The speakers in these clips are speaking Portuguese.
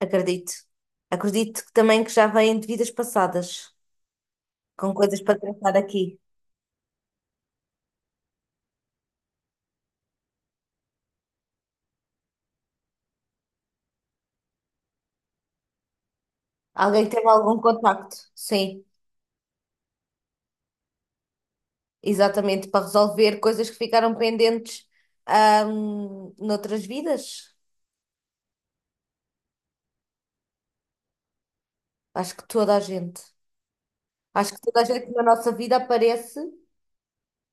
Acredito. Acredito que também que já vêm de vidas passadas, com coisas para tratar aqui. Alguém teve algum contacto? Sim, exatamente, para resolver coisas que ficaram pendentes, noutras vidas. Acho que toda a gente. Acho que toda a gente na nossa vida aparece.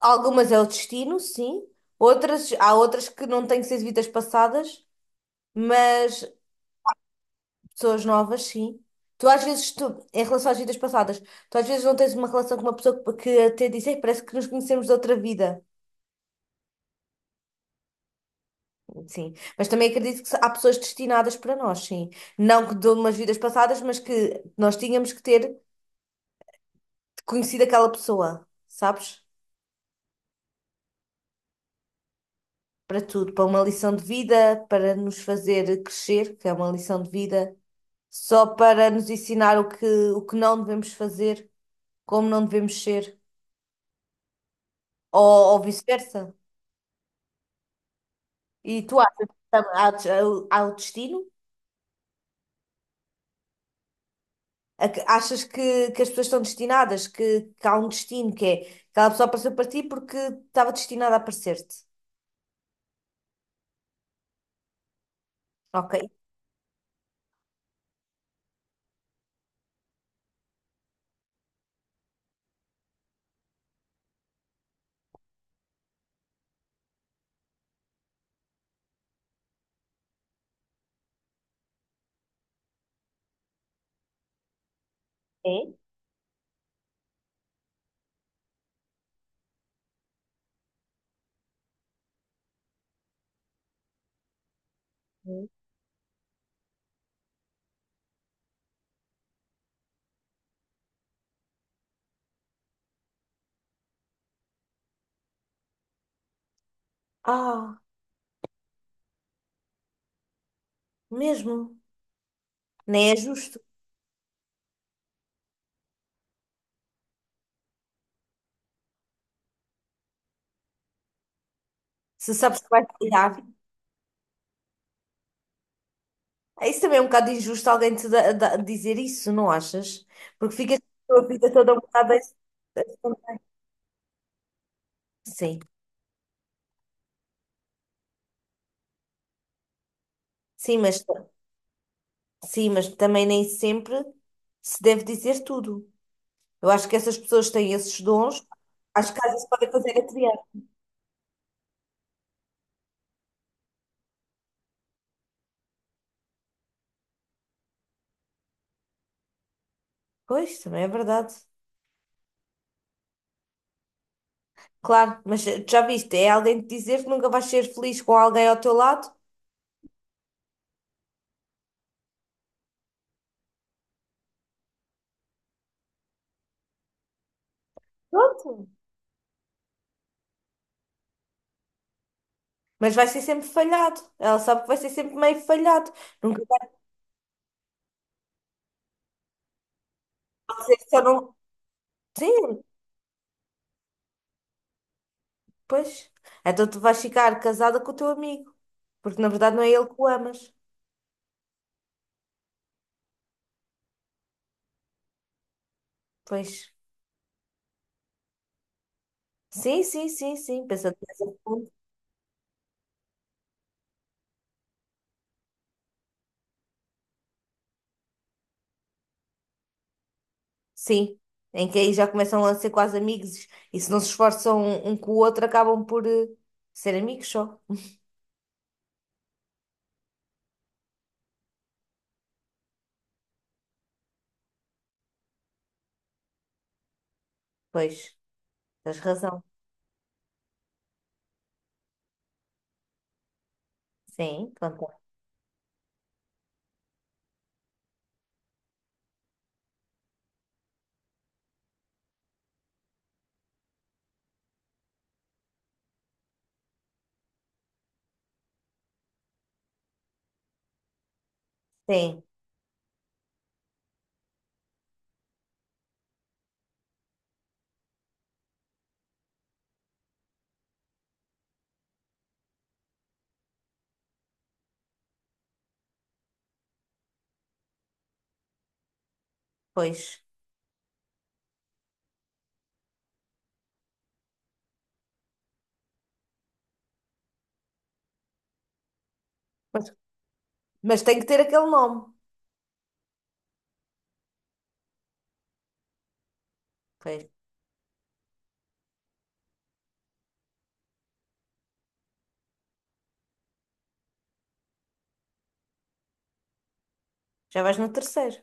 Algumas é o destino, sim. Outras, há outras que não têm que ser de vidas passadas, mas pessoas novas, sim. Tu às vezes, em relação às vidas passadas, tu às vezes não tens uma relação com uma pessoa que até diz: "Ei, parece que nos conhecemos de outra vida." Sim. Mas também acredito que há pessoas destinadas para nós, sim. Não que de umas vidas passadas, mas que nós tínhamos que ter conhecido aquela pessoa, sabes? Para tudo, para uma lição de vida, para nos fazer crescer, que é uma lição de vida, só para nos ensinar o que não devemos fazer, como não devemos ser, ou vice-versa. E tu achas que há o destino? Achas que as pessoas estão destinadas? Que há um destino que é aquela pessoa apareceu para ti porque estava destinada a aparecer-te? Ok. É? É. Ah, mesmo. Nem é justo. Se sabes que vai tirar. É. Isso também é um bocado injusto alguém te dizer isso, não achas? Porque ficas com a tua vida toda um bocado. Sim, sim, mas, sim, mas também nem sempre se deve dizer tudo. Eu acho que essas pessoas têm esses dons. As casas podem fazer a criar. Pois, também é verdade. Claro, mas já viste, é alguém te dizer que nunca vais ser feliz com alguém ao teu lado. Pronto, mas vai ser sempre falhado. Ela sabe que vai ser sempre meio falhado. Nunca vai dizer que só não. Sim, pois. Então tu vais ficar casada com o teu amigo, porque na verdade não é ele que o amas. Pois. Sim, sim, sim, sim. Pensa dessa forma. Sim, em que aí já começam a ser quase amigos e se não se esforçam um com o outro acabam por ser amigos só. Pois, tens razão. Sim, conta. Sim, pois. Mas, mas tem que ter aquele nome. Pois, já vais no terceiro.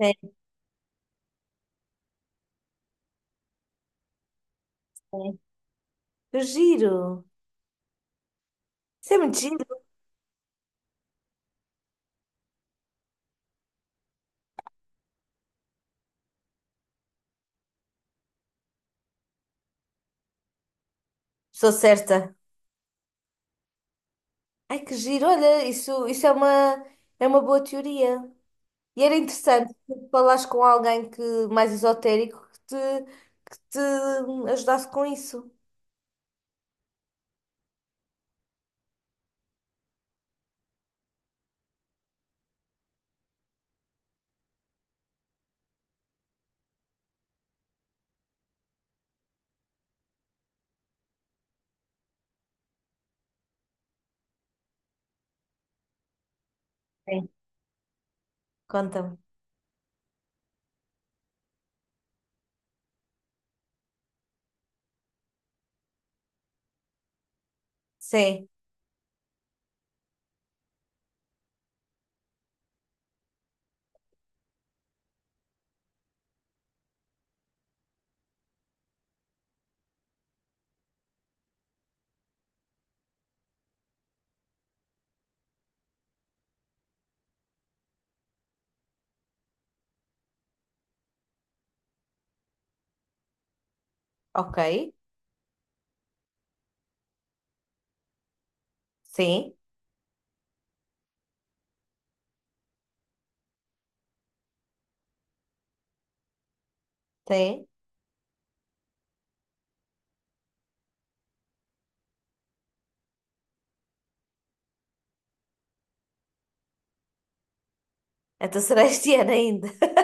Sim, sim. Que giro. Isso é muito giro. Sou certa. Ai, que giro. Olha, isso é uma boa teoria. E era interessante tu falares com alguém mais esotérico que te ajudasse com isso. Conta-me. Sim, ok. Sim, sim. Então será este ano ainda.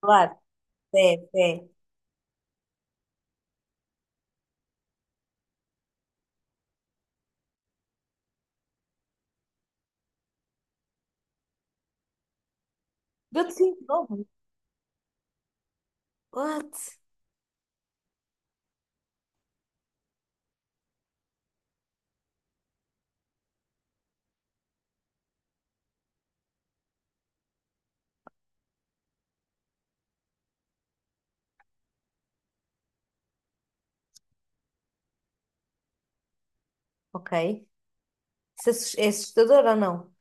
Claro, sim, sim. Deu-te cinco nomes. What? Ok. Isso é é assustador ou não?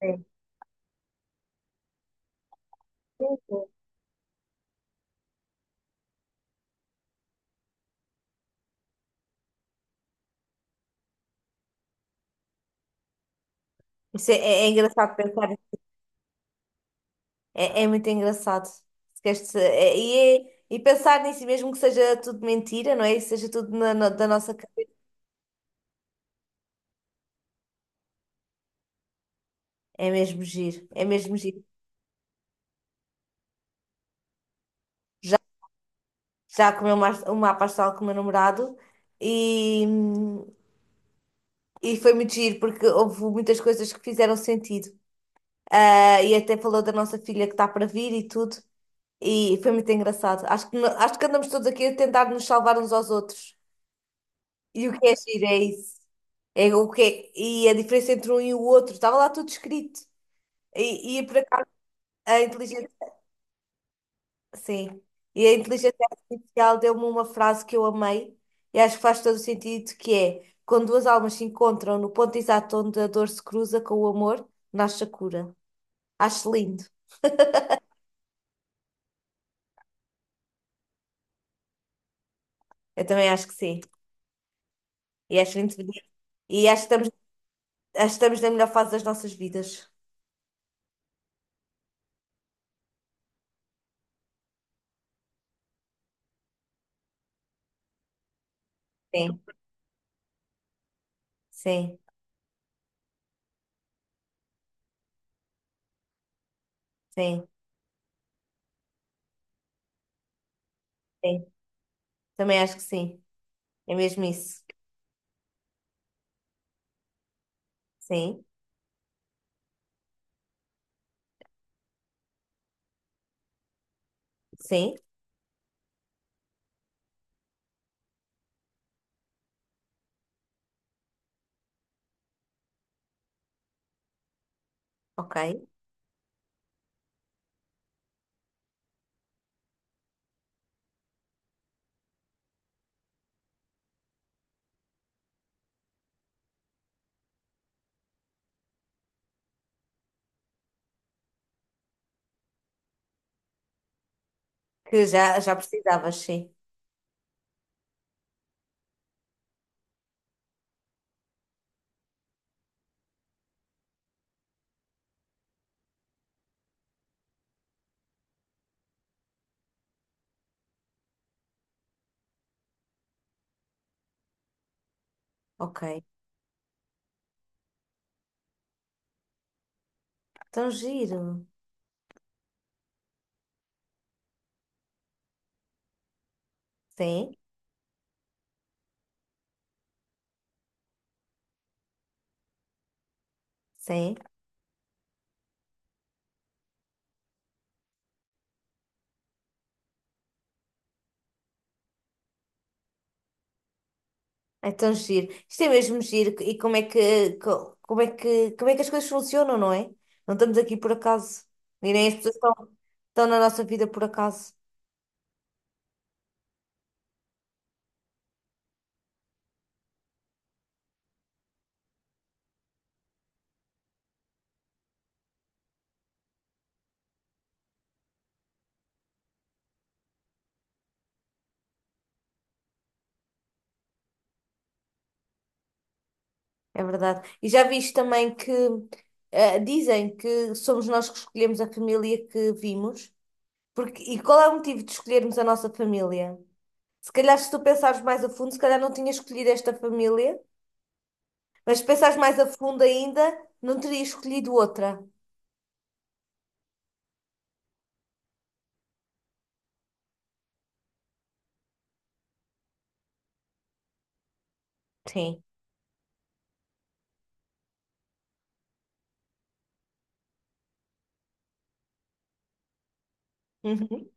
Sim. Sim, sim. Isso é, é engraçado pensar. É, é muito engraçado. Se queres pensar nisso, mesmo que seja tudo mentira, não é? E seja tudo da nossa cabeça. É mesmo giro. É mesmo giro. Já, já comeu uma pastel com o meu namorado e, e foi muito giro, porque houve muitas coisas que fizeram sentido. Ah, e até falou da nossa filha que está para vir e tudo. E foi muito engraçado. Acho que, no- acho que andamos todos aqui a tentar nos salvar uns aos outros. E o que é giro é isso. É o e a diferença entre um e o outro. Estava lá tudo escrito. E é por acaso, a inteligência... Sim. E a inteligência artificial deu-me uma frase que eu amei. E acho que faz todo o sentido, que é... Quando duas almas se encontram no ponto exato onde a dor se cruza com o amor, nasce a cura. Acho lindo. Eu também acho que sim. E acho lindo. E acho que estamos na melhor fase das nossas vidas. Sim, sim, sim, sim. Também acho que sim. É mesmo isso. Sim, sim, ok. Que já, já precisavas, sim. Ok. Tão giro. Sim, sim. É tão giro. Isto é mesmo giro. E como é que, co- como é que as coisas funcionam, não é? Não estamos aqui por acaso. E nem as pessoas estão, estão na nossa vida por acaso. É verdade. E já viste também que dizem que somos nós que escolhemos a família que vimos. Porque, e qual é o motivo de escolhermos a nossa família? Se calhar, se tu pensares mais a fundo, se calhar não tinha escolhido esta família, mas se pensares mais a fundo ainda, não teria escolhido outra. Sim. Uhum.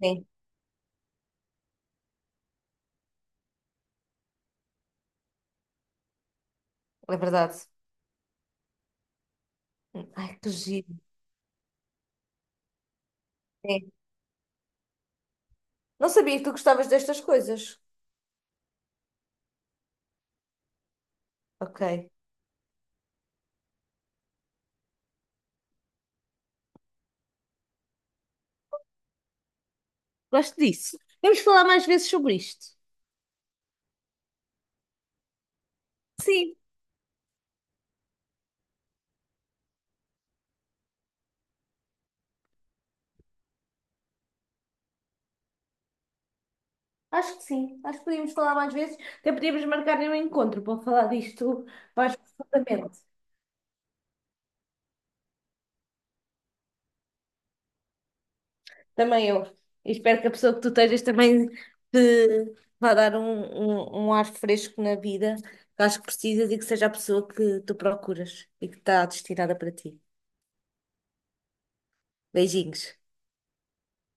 Sim, é verdade. Ai, que giro. Sim. Não sabia que tu gostavas destas coisas. Ok. Gosto disso. Vamos falar mais vezes sobre isto. Sim. Acho que sim, acho que podíamos falar mais vezes, até podíamos marcar um encontro para falar disto mais profundamente. Também eu. E espero que a pessoa que tu estejas também te vá dar um, um ar fresco na vida, que acho que precisas e que seja a pessoa que tu procuras e que está destinada para ti. Beijinhos.